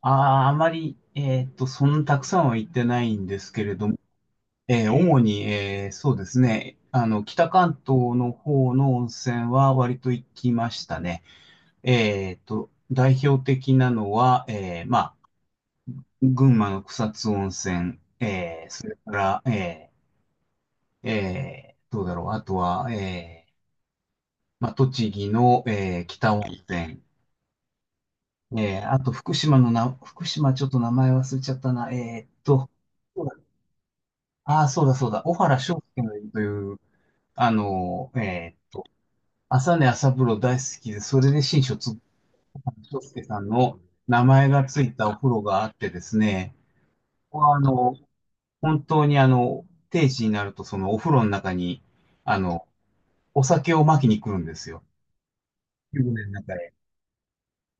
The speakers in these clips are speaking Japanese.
ああ、あまり、そんなたくさんは行ってないんですけれども、えーえ主に、そうですね、あの、北関東の方の温泉は割と行きましたね。代表的なのは、群馬の草津温泉、えーそれから、えーえーどうだろう、あとは、栃木の、北温泉、あと福島の福島ちょっと名前忘れちゃったな。ああ、そうだそうだ。小原章介のいるという、あの、えー、朝寝朝風呂大好きで、それで新書つ、章介さんの名前がついたお風呂があってですね。ここは本当に定時になるとそのお風呂の中に、あの、お酒を巻きに来るんですよ。湯船の中へ。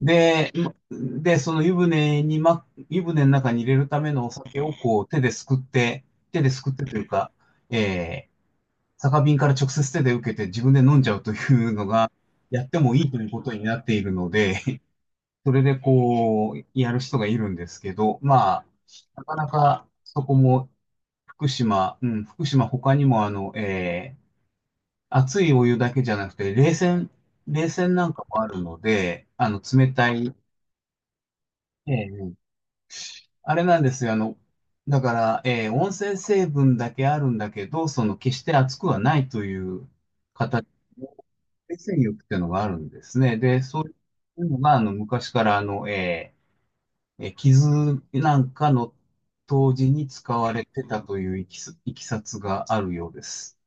で、まで、その湯船にま、湯船の中に入れるためのお酒をこう手ですくって、手ですくってというか、えー酒瓶から直接手で受けて自分で飲んじゃうという、やってもいいということになっているので、それでこう、やる人がいるんですけど、まあ、なかなかそこも福島、うん、福島他にも熱いお湯だけじゃなくて、冷泉なんかもあるので、あの、冷たい、えーあれなんですよ。あの、だから、温泉成分だけあるんだけど、その決して熱くはないという形、海水浴っていうのがあるんですね。で、そういうのが、あの、昔から、傷なんかの当時に使われてたといういきさつがあるようです。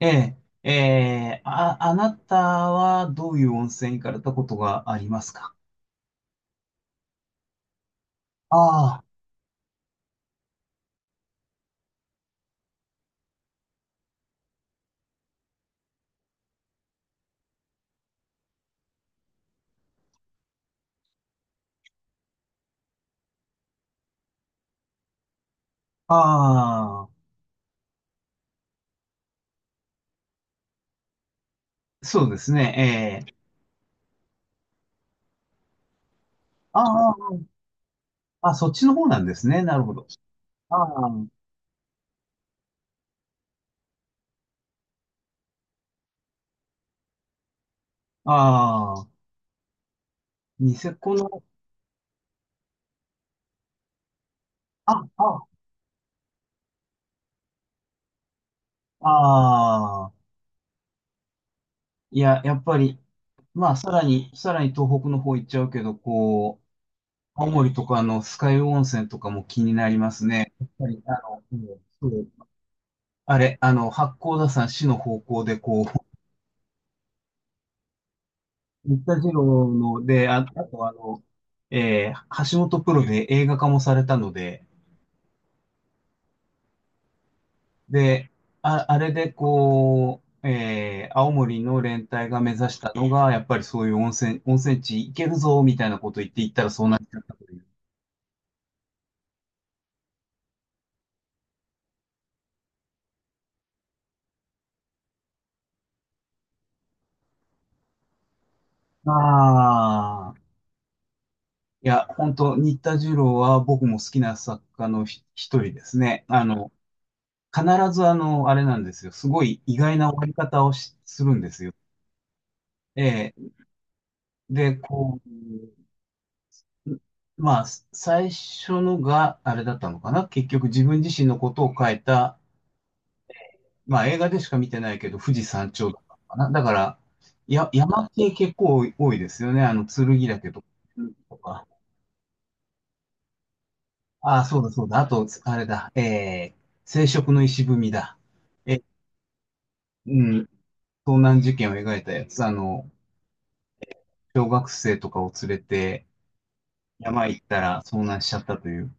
えあ、あなたはどういう温泉行かれたことがありますか？ああ、ああ、そうですね。あーあ、そっちの方なんですね。なるほど。ああ、ああ、ニセコの、あ、あ、ああ、いや、やっぱり、まあ、さらに、さらに東北の方行っちゃうけど、こう、青森とかの酸ヶ湯温泉とかも気になりますね。やっぱり、あの、うんそうあれ、あの、八甲田山市の方向で、こう、新田次郎の、で、あ、あと、橋本プロで映画化もされたので、で、あ、あれで、こう、青森の連帯が目指したのが、やっぱりそういう温泉、温泉地行けるぞ、みたいなこと言って行ったらそうなっちゃったという。ああ、いや、本当新田次郎は僕も好きな作家の一人ですね。あの、必ずあの、あれなんですよ。すごい意外な終わり方をするんですよ。ええで、こう、まあ、最初のがあれだったのかな。結局自分自身のことを書いた、まあ映画でしか見てないけど、富士山頂だったのかな。だから、や、山系結構多いですよね。あの、剣岳とか、ああ、そうだそうだ。あと、あれだ。生殖の石踏みだ。え、うん、遭難事件を描いたやつ。あの、小学生とかを連れて山行ったら遭難しちゃったという。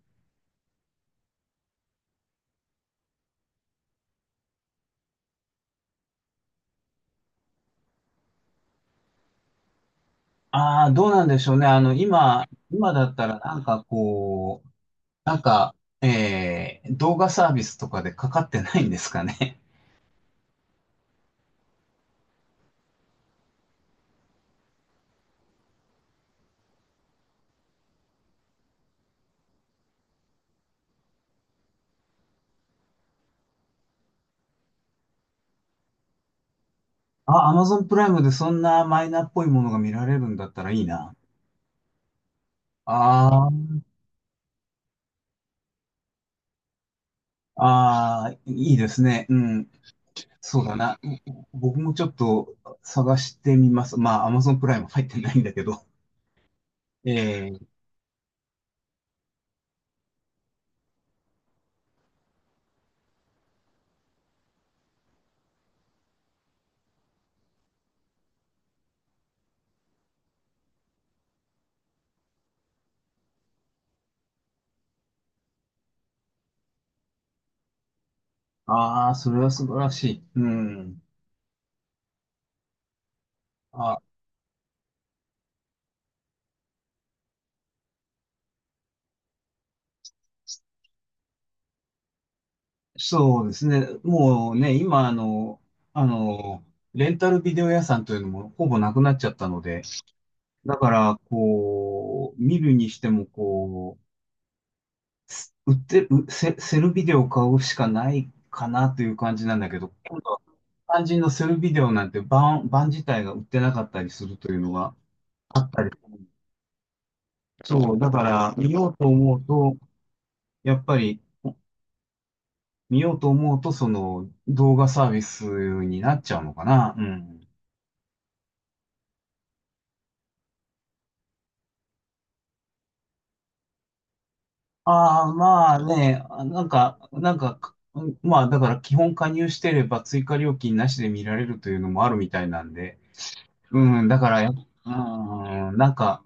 ああ、どうなんでしょうね。あの、今、今だったらなんかこう、なんか、動画サービスとかでかかってないんですかね。あ、Amazon プライムでそんなマイナーっぽいものが見られるんだったらいいな。ああ、ああ、いいですね。うん。そうだな。僕もちょっと探してみます。まあ、Amazon プライム入ってないんだけど。ええああ、それは素晴らしい。うん。あ、そうですね。もうね、今、あの、あの、レンタルビデオ屋さんというのもほぼなくなっちゃったので、だから、こう、見るにしても、こう、売ってる、うセ、セルビデオを買うしかないかなという感じなんだけど、今度は肝心のセルビデオなんて盤自体が売ってなかったりするというのが、あったり。そう、だから見ようと思うと、やっぱり見ようと思うと、その動画サービスになっちゃうのかな。うん。ああ、まあね、あなんか、なんか、かうんまあだから基本加入してれば追加料金なしで見られるというのもあるみたいなんで、うん、だからや、うん、なんか、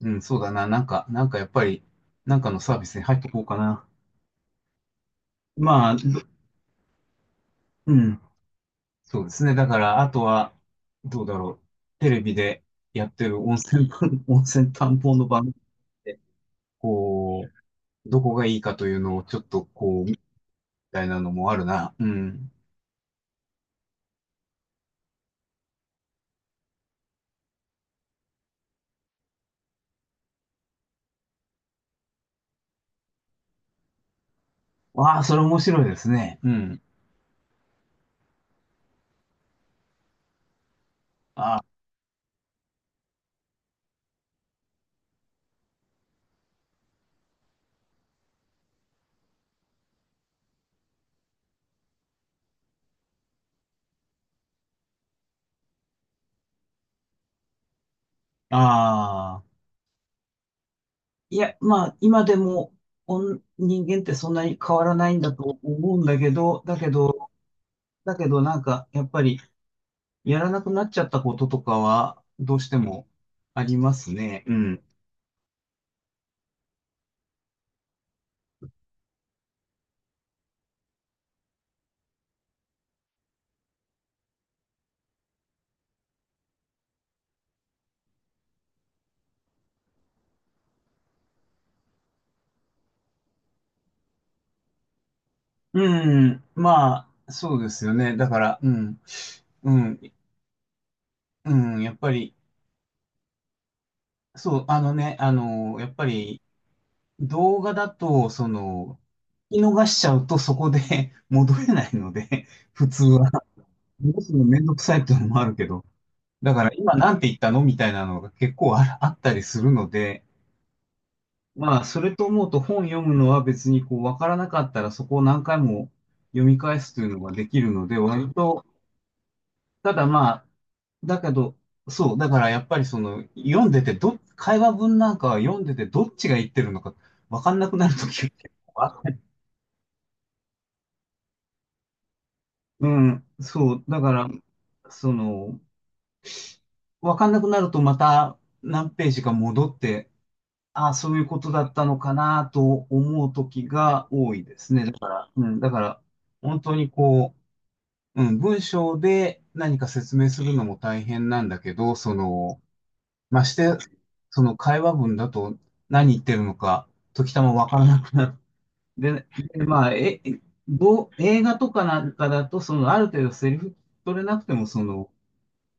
うん、そうだな、なんか、なんかやっぱり、なんかのサービスに入ってこうかな。まあ、うん。そうですね。だから、あとは、どうだろう。テレビでやってる温泉、温泉探訪の番組で、こう、どこがいいかというのをちょっとこう、みたいなのもあるな。うん。わあ、それ面白いですね。うん。ああー。いや、まあ、今でも、人間ってそんなに変わらないんだと思うんだけど、だけど、だけどなんか、やっぱり、やらなくなっちゃったこととかは、どうしてもありますね。うん。うん、まあ、そうですよね。だから、うん、うん、うん、やっぱり、そう、あのね、あの、やっぱり、動画だと、その、聞き逃しちゃうとそこで 戻れないので、普通は、戻すのめんどくさいっていうのもあるけど、だから今なんて言ったのみたいなのが結構あったりするので、まあ、それと思うと本読むのは別にこう、わからなかったらそこを何回も読み返すというのができるので、割と、ただまあ、だけど、そう、だからやっぱりその、読んでてど、会話文なんかは読んでてどっちが言ってるのかわかんなくなるときが 結構あってうん、そう、だから、その、わかんなくなるとまた何ページか戻って、ああ、そういうことだったのかなと思うときが多いですね。だから、うん、だから、本当にこう、うん、文章で何か説明するのも大変なんだけど、その、まして、その会話文だと何言ってるのか、時たまわからなくなって、で、まあ、え、どう、映画とかなんかだと、その、ある程度セリフ取れなくても、その、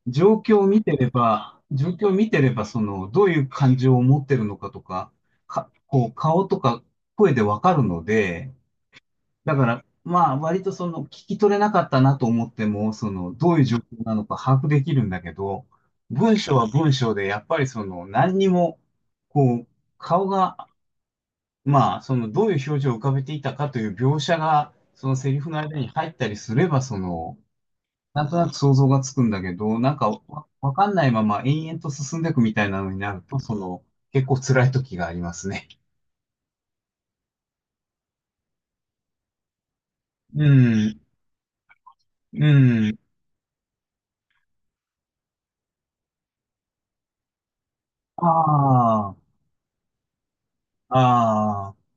状況を見てれば、状況を見てれば、その、どういう感情を持ってるのかとか、か、こう、顔とか声でわかるので、だから、まあ、割とその、聞き取れなかったなと思っても、その、どういう状況なのか把握できるんだけど、文章は文章で、やっぱりその、何にも、こう、顔が、まあ、その、どういう表情を浮かべていたかという描写が、そのセリフの間に入ったりすれば、その、なんとなく想像がつくんだけど、わかんないまま延々と進んでいくみたいなのになると、その、結構辛い時がありますね。うん、うん、ああ、ああ。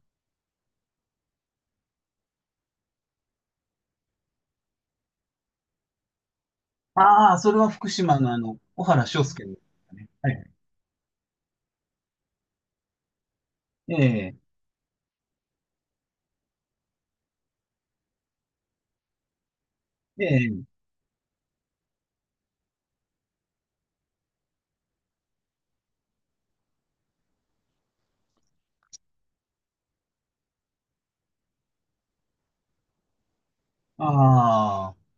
ああ、それは福島のあの、小原章介ですかね。はい。ええ、ええ、ああ。